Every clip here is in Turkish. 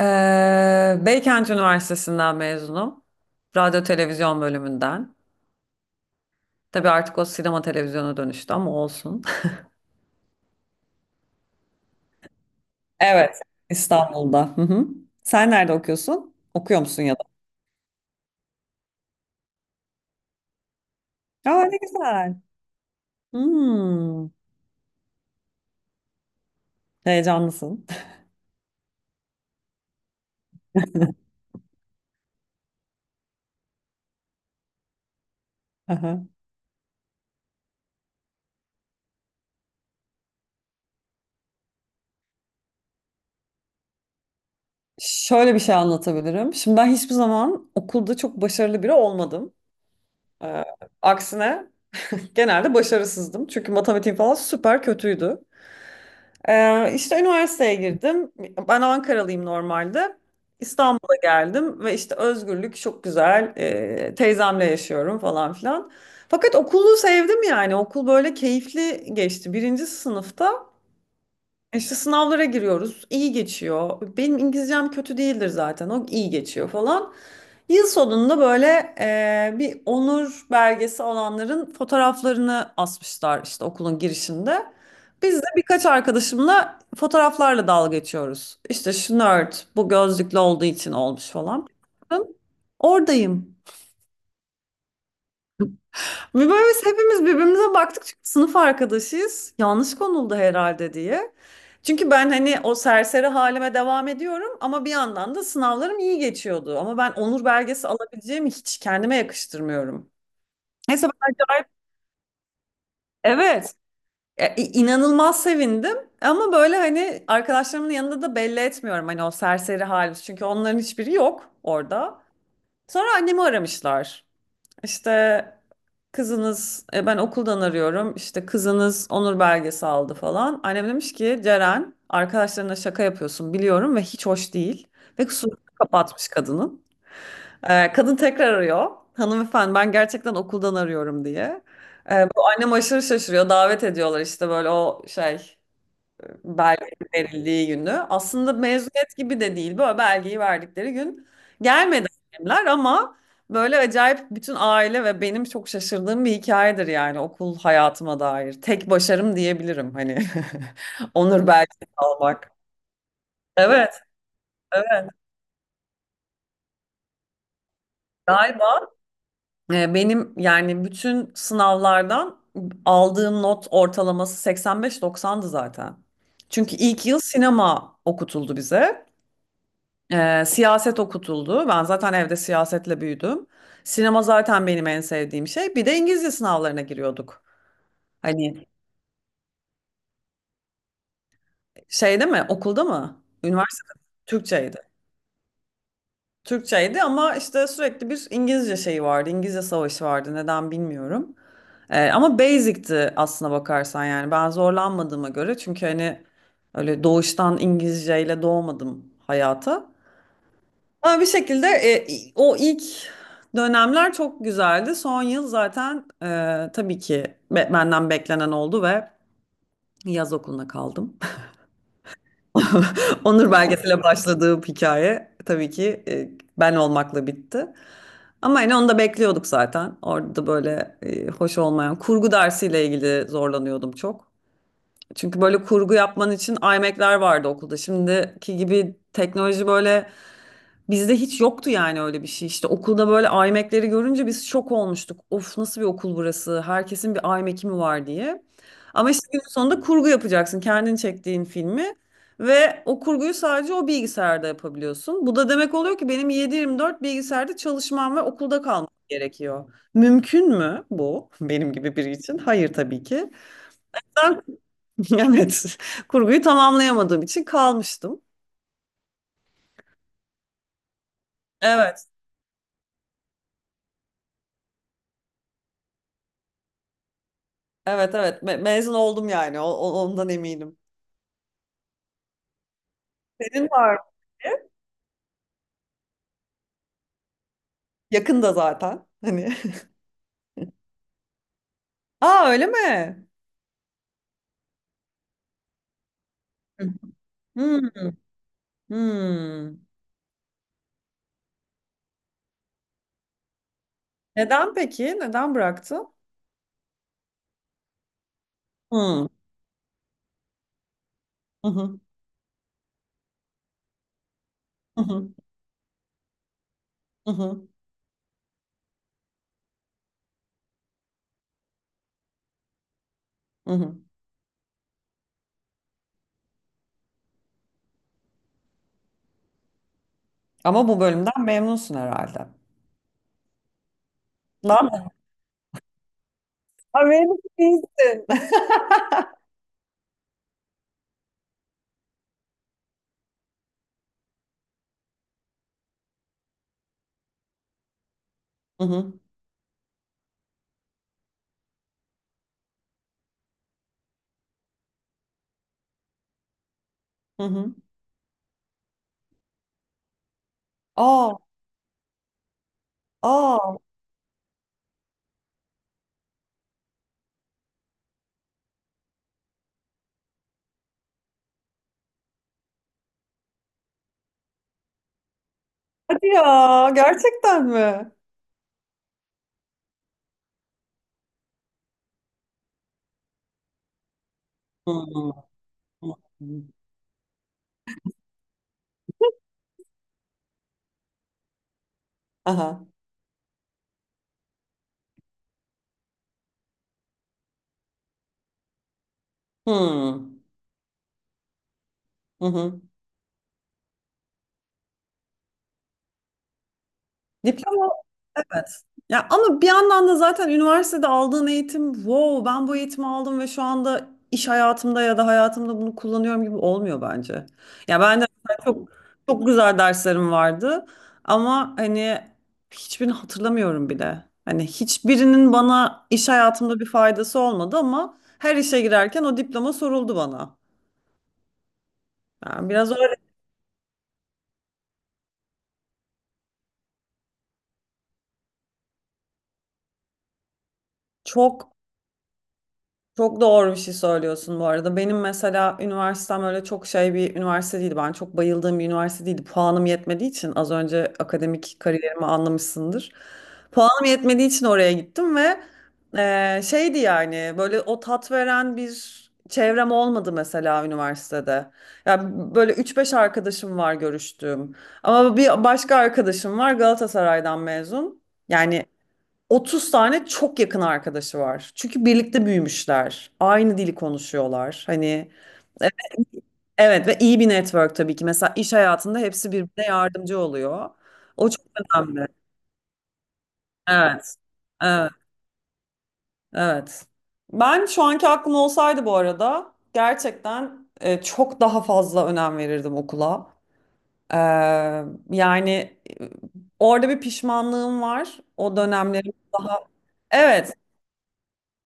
Beykent Üniversitesi'nden mezunum. Radyo televizyon bölümünden. Tabii artık o sinema televizyona dönüştü ama olsun. Evet, İstanbul'da. Hı hı. Sen nerede okuyorsun? Okuyor musun ya da? Aa, ne güzel. Hmm, heyecanlısın. Aha. Şöyle bir şey anlatabilirim. Şimdi ben hiçbir zaman okulda çok başarılı biri olmadım. Ee, aksine genelde başarısızdım. Çünkü matematiğim falan süper kötüydü. İşte üniversiteye girdim. Ben Ankaralıyım normalde. İstanbul'a geldim ve işte özgürlük çok güzel. Teyzemle yaşıyorum falan filan. Fakat okulu sevdim yani. Okul böyle keyifli geçti. Birinci sınıfta işte sınavlara giriyoruz, iyi geçiyor. Benim İngilizcem kötü değildir zaten. O iyi geçiyor falan. Yıl sonunda böyle bir onur belgesi olanların fotoğraflarını asmışlar işte okulun girişinde. Biz de birkaç arkadaşımla fotoğraflarla dalga geçiyoruz. İşte şu nerd bu gözlüklü olduğu için olmuş falan. Oradayım. Ve böyle biz hepimiz birbirimize baktık çünkü sınıf arkadaşıyız. Yanlış konuldu herhalde diye. Çünkü ben hani o serseri halime devam ediyorum ama bir yandan da sınavlarım iyi geçiyordu. Ama ben onur belgesi alabileceğimi hiç kendime yakıştırmıyorum. Neyse ben acayip, evet, inanılmaz sevindim ama böyle hani arkadaşlarımın yanında da belli etmiyorum hani o serseri halimiz. Çünkü onların hiçbiri yok orada. Sonra annemi aramışlar. İşte Kızınız, ben okuldan arıyorum işte kızınız onur belgesi aldı falan. Annem demiş ki Ceren arkadaşlarına şaka yapıyorsun biliyorum ve hiç hoş değil. Ve kusurunu kapatmış kadının. Kadın tekrar arıyor. Hanımefendi ben gerçekten okuldan arıyorum diye. Bu annem aşırı şaşırıyor. Davet ediyorlar işte böyle o şey belge verildiği günü. Aslında mezuniyet gibi de değil. Böyle belgeyi verdikleri gün gelmedi annemler ama böyle acayip bütün aile ve benim çok şaşırdığım bir hikayedir yani okul hayatıma dair. Tek başarım diyebilirim hani. Onur belgesi almak. Evet, evet. Galiba benim yani bütün sınavlardan aldığım not ortalaması 85-90'dı zaten. Çünkü ilk yıl sinema okutuldu bize. Siyaset okutuldu. Ben zaten evde siyasetle büyüdüm. Sinema zaten benim en sevdiğim şey. Bir de İngilizce sınavlarına giriyorduk. Hani şeyde mi? Okulda mı? Üniversitede mi? Türkçeydi. Türkçeydi ama işte sürekli bir İngilizce şeyi vardı. İngilizce savaşı vardı. Neden bilmiyorum. Ama basic'ti aslına bakarsan yani. Ben zorlanmadığıma göre. Çünkü hani öyle doğuştan İngilizceyle doğmadım hayata. Ama bir şekilde, o ilk dönemler çok güzeldi. Son yıl zaten tabii ki benden beklenen oldu ve yaz okuluna kaldım. Onur belgesiyle başladığım hikaye tabii ki ben olmakla bitti. Ama hani onu da bekliyorduk zaten. Orada böyle hoş olmayan kurgu dersiyle ilgili zorlanıyordum çok. Çünkü böyle kurgu yapman için iMac'ler vardı okulda. Şimdiki gibi teknoloji böyle bizde hiç yoktu yani öyle bir şey. İşte okulda böyle iMac'leri görünce biz şok olmuştuk. Of nasıl bir okul burası? Herkesin bir iMac'i mi var diye. Ama işte günün sonunda kurgu yapacaksın. Kendin çektiğin filmi ve o kurguyu sadece o bilgisayarda yapabiliyorsun. Bu da demek oluyor ki benim 7/24 bilgisayarda çalışmam ve okulda kalmam gerekiyor. Mümkün mü bu benim gibi biri için? Hayır tabii ki. Evet. Kurguyu tamamlayamadığım için kalmıştım. Evet. Evet evet mezun oldum yani. Ondan eminim. Senin var mı? Yakında zaten. Hani. Aa öyle mi? Hmm. Hmm. Neden peki? Neden bıraktın? Hmm. Hı hı. Hı hı. Hı hı. Hı hı. Ama bu bölümden memnunsun herhalde. Lan memnun değilsin. Hı hı. Hı hı. Aa, aa. Hadi ya. Gerçekten mi? Hı hı. Aha. Hmm. Hı hı. Diploma. Evet. Ya ama bir yandan da zaten üniversitede aldığın eğitim, wow, ben bu eğitimi aldım ve şu anda iş hayatımda ya da hayatımda bunu kullanıyorum gibi olmuyor bence. Ya ben de mesela çok çok güzel derslerim vardı ama hani hiçbirini hatırlamıyorum bile. Hani hiçbirinin bana iş hayatımda bir faydası olmadı ama her işe girerken o diploma soruldu bana. Yani biraz öyle çok. Çok doğru bir şey söylüyorsun bu arada. Benim mesela üniversitem öyle çok şey bir üniversite değildi. Ben çok bayıldığım bir üniversite değildi. Puanım yetmediği için az önce akademik kariyerimi anlamışsındır. Puanım yetmediği için oraya gittim ve şeydi yani böyle o tat veren bir çevrem olmadı mesela üniversitede. Ya böyle üç beş arkadaşım var görüştüğüm. Ama bir başka arkadaşım var Galatasaray'dan mezun. Yani 30 tane çok yakın arkadaşı var. Çünkü birlikte büyümüşler. Aynı dili konuşuyorlar. Hani e, evet ve iyi bir network tabii ki. Mesela iş hayatında hepsi birbirine yardımcı oluyor. O çok önemli. Evet. Evet. Evet. Ben şu anki aklım olsaydı bu arada gerçekten çok daha fazla önem verirdim okula. Ee, yani e, orada bir pişmanlığım var. O dönemlerim daha. Evet.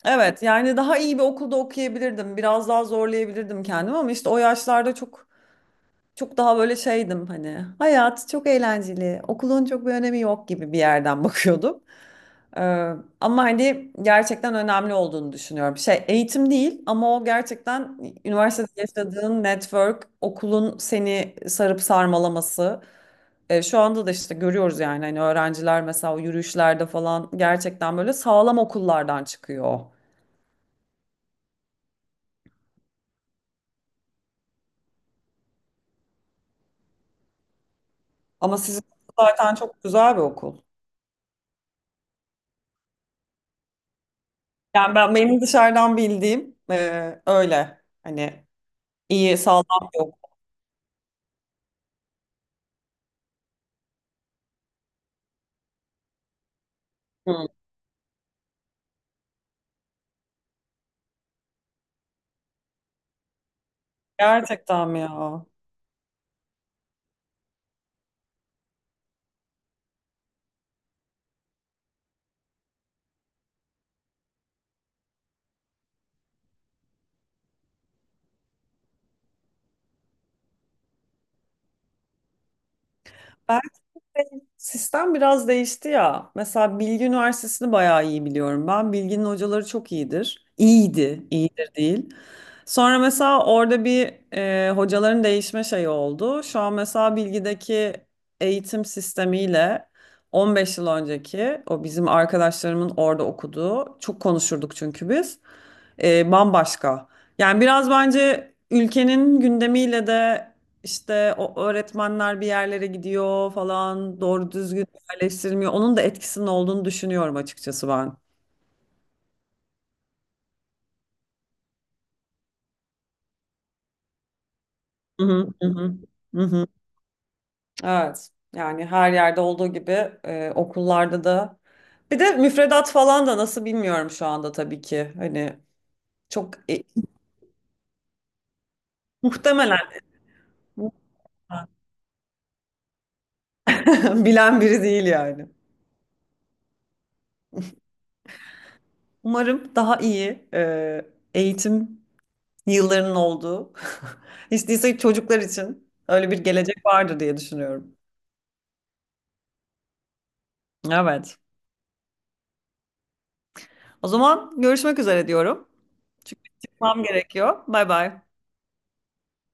Evet, yani daha iyi bir okulda okuyabilirdim. Biraz daha zorlayabilirdim kendimi ama işte o yaşlarda çok çok daha böyle şeydim hani. Hayat çok eğlenceli. Okulun çok bir önemi yok gibi bir yerden bakıyordum. Ee, ama hani gerçekten önemli olduğunu düşünüyorum. Şey eğitim değil ama o gerçekten üniversitede yaşadığın network, okulun seni sarıp sarmalaması. Şu anda da işte görüyoruz yani hani öğrenciler mesela o yürüyüşlerde falan gerçekten böyle sağlam okullardan çıkıyor. Ama sizin zaten çok güzel bir okul. Yani ben, benim dışarıdan bildiğim öyle. Hani iyi, sağlam bir okul. Hı. Gerçekten mi ya? Belki sistem biraz değişti ya. Mesela Bilgi Üniversitesi'ni bayağı iyi biliyorum ben. Bilgi'nin hocaları çok iyidir. İyiydi, iyidir değil. Sonra mesela orada bir hocaların değişme şeyi oldu. Şu an mesela Bilgi'deki eğitim sistemiyle 15 yıl önceki o bizim arkadaşlarımın orada okuduğu çok konuşurduk çünkü biz bambaşka. Yani biraz bence ülkenin gündemiyle de işte o öğretmenler bir yerlere gidiyor falan doğru düzgün yerleştirmiyor. Onun da etkisinin olduğunu düşünüyorum açıkçası ben. Hı hı hı hı. Hı hı. Evet. Yani her yerde olduğu gibi okullarda da. Bir de müfredat falan da nasıl bilmiyorum şu anda tabii ki. Hani çok muhtemelen bilen biri değil yani. Umarım daha iyi eğitim yıllarının olduğu. Hiç değilse çocuklar için öyle bir gelecek vardır diye düşünüyorum. Evet. O zaman görüşmek üzere diyorum. Çünkü çıkmam gerekiyor. Bay bay.